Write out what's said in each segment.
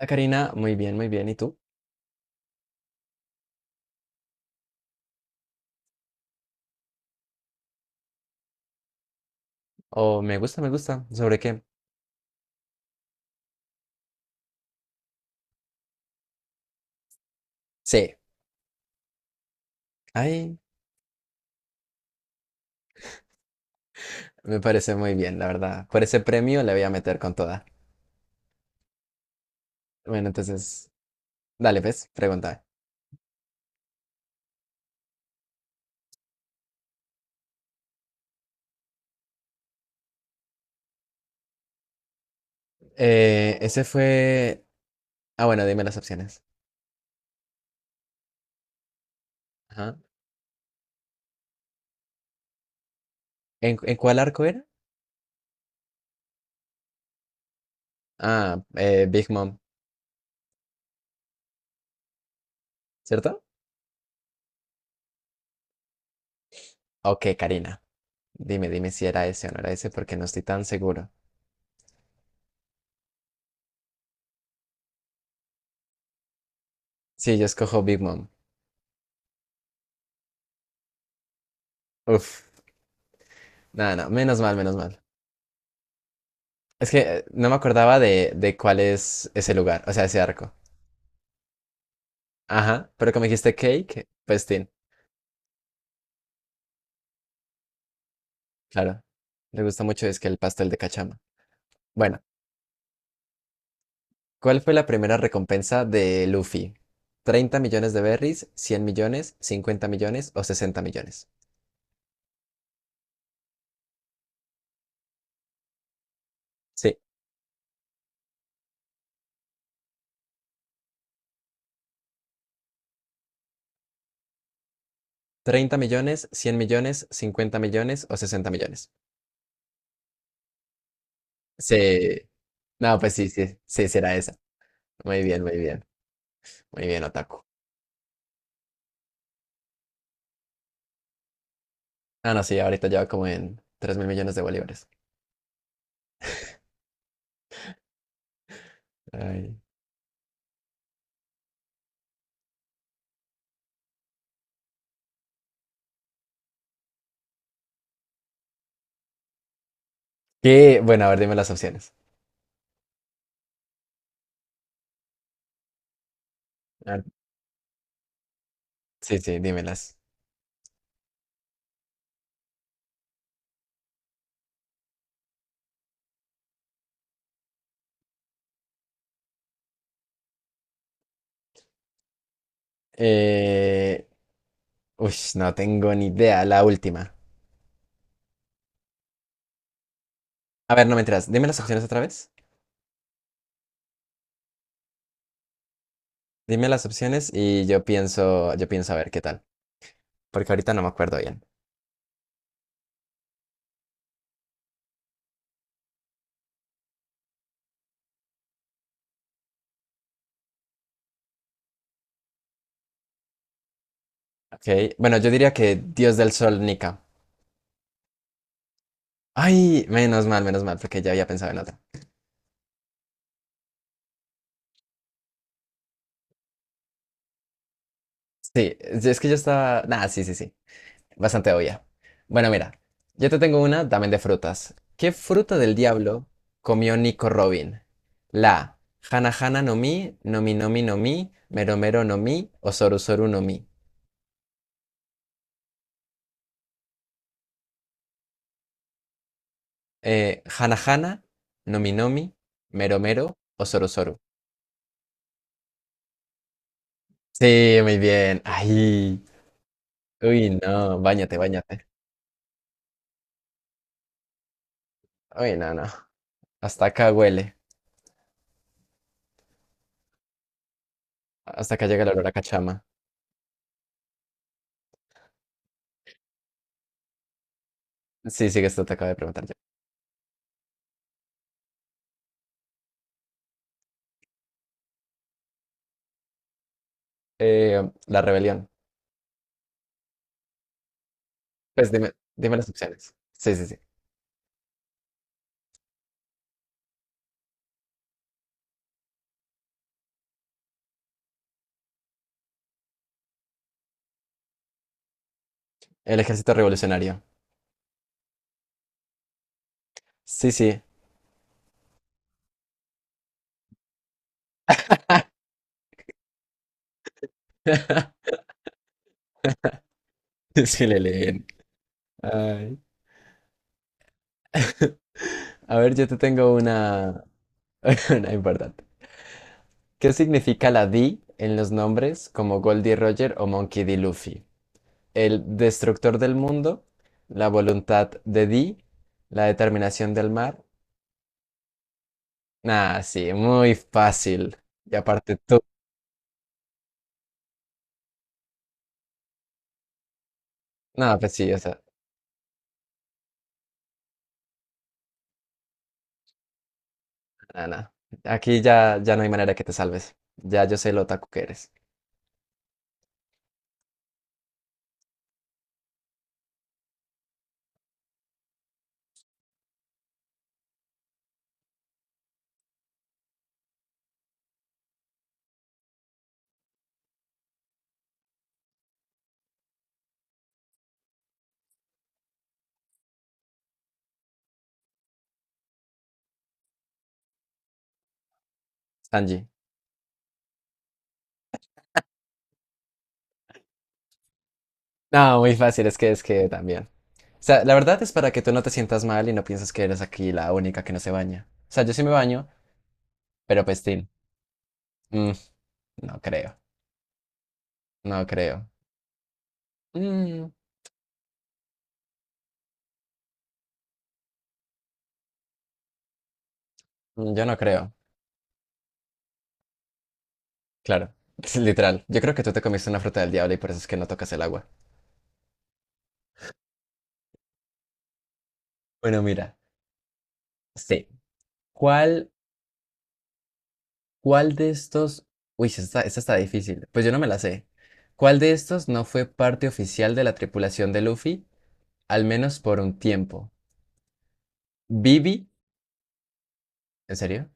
Hola, Karina, muy bien, muy bien. ¿Y tú? Oh, me gusta, me gusta. ¿Sobre qué? Sí. Ay, me parece muy bien, la verdad. Por ese premio le voy a meter con toda. Bueno, entonces, dale, pues, pregunta. Ese fue... Ah, bueno, dime las opciones. Ajá. ¿En cuál arco era? Ah, Big Mom, ¿cierto? Ok, Karina. Dime si era ese o no era ese porque no estoy tan seguro. Sí, yo escojo Big Mom. Uf. Nada, no, menos mal, menos mal. Es que no me acordaba de cuál es ese lugar, o sea, ese arco. Ajá, pero como dijiste cake, pues tin, claro. Le gusta mucho es que el pastel de cachama. Bueno, ¿cuál fue la primera recompensa de Luffy? 30 millones de berries, 100 millones, 50 millones o 60 millones? Sí, 30 millones, 100 millones, 50 millones o 60 millones. Sí. No, pues sí, sí, sí, será esa. Muy bien, muy bien. Muy bien, Otaku. Ah, no, sí, ahorita lleva como en 3 mil millones de bolívares. Ay. ¿Qué? Bueno, a ver, dime las opciones. A ver, sí, sí, dímelas. Eh, uy, no tengo ni idea. La última. A ver, no me enteras. Dime las opciones otra vez. Dime las opciones y yo pienso a ver qué tal. Porque ahorita no me acuerdo bien. Ok. Bueno, yo diría que Dios del Sol, Nika. Ay, menos mal, porque ya había pensado en otra. Sí, es que yo estaba. Nah, sí, sí, sí. Bastante obvia. Bueno, mira, yo te tengo una también de frutas. ¿Qué fruta del diablo comió Nico Robin? La A, Hana Hana no Mi no Mi, Mero Mero no Mi o Soru Soru no Mi. Hana Hana, no Mi no Mi, Mero Mero o Soru Soru. Sí, muy bien. Ay, uy, no, báñate, báñate. Uy, no, no. Hasta acá huele. Hasta acá llega el olor a cachama. Sí, sí, que esto te acabo de preguntar yo. La rebelión. Pues dime, dime las opciones. Sí, sí, sí. El ejército revolucionario. Sí, sí. Sí le leen. Ay. A ver, yo te tengo una, una importante. ¿Qué significa la D en los nombres como Goldie Roger o Monkey D. Luffy? El destructor del mundo, la voluntad de D, la determinación del mar. Nah, sí, muy fácil. Y aparte tú. Nah, pues sí, o sea, nada. Nah. Aquí ya, ya no hay manera que te salves. Ya yo sé lo otaku que eres. Sanji. No, muy fácil, es que también. O sea, la verdad es para que tú no te sientas mal y no pienses que eres aquí la única que no se baña. O sea, yo sí me baño, pero pues, tin, mm, no creo, no creo. Mm, yo no creo, claro. Literal, yo creo que tú te comiste una fruta del diablo y por eso es que no tocas el agua. Bueno, mira, sí. ¿Cuál, cuál de estos... Uy, sí, esta, esta está difícil. Pues yo no me la sé. ¿Cuál de estos no fue parte oficial de la tripulación de Luffy, al menos por un tiempo? ¿Bibi? ¿En serio?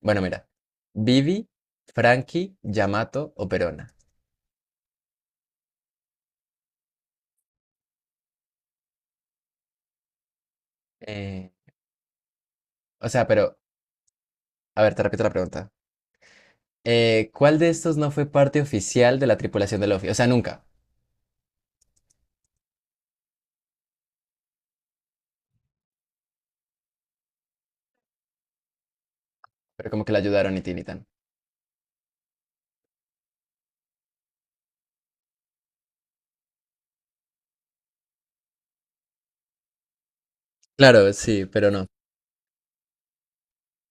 Bueno, mira. Vivi, Frankie, Yamato o Perona. Eh, o sea, pero, a ver, te repito la pregunta. ¿Cuál de estos no fue parte oficial de la tripulación de Luffy? O sea, nunca. Pero como que la ayudaron y tin. Claro, sí, pero no.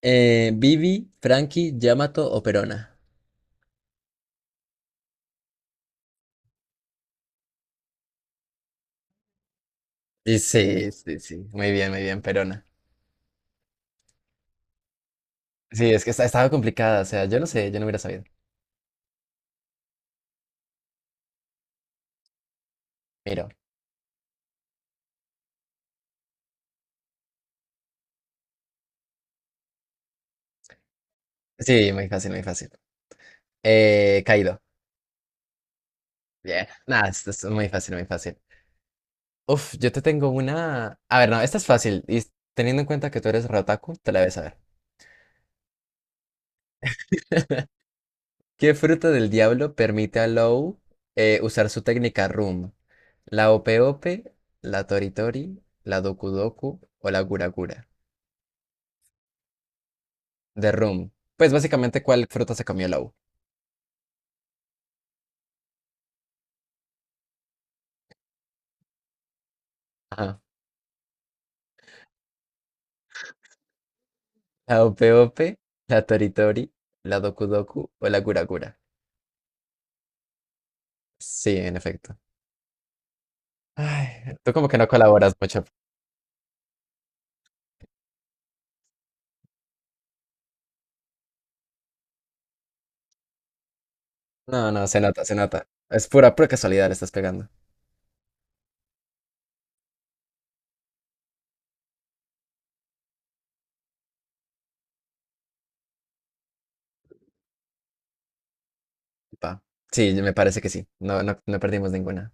Vivi, Frankie, Yamato o Perona. Y sí, sí, sí. Muy bien, Perona. Sí, es que estaba complicada. O sea, yo no sé, yo no hubiera sabido. Miro. Sí, muy fácil, muy fácil. Kaido. Bien. Nada, esto es muy fácil, muy fácil. Uf, yo te tengo una. A ver, no, esta es fácil. Y teniendo en cuenta que tú eres Rotaku, te la debes saber. ¿Qué fruta del diablo permite a Low usar su técnica Room? ¿La Ope Ope, la Tori Tori, la Doku Doku o la Gura Gura? De Room. Pues básicamente, ¿cuál fruta se comió Low? Ajá. ¿La Ope Ope, la Tori Tori, la Doku Doku o la Gura Gura? Sí, en efecto. Ay, tú como que no colaboras mucho. No, no, se nota, se nota. Es pura, pura casualidad le estás pegando. Pa. Sí, me parece que sí. No, no, no perdimos ninguna.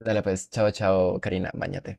Dale pues, chao, chao, Karina, bañate.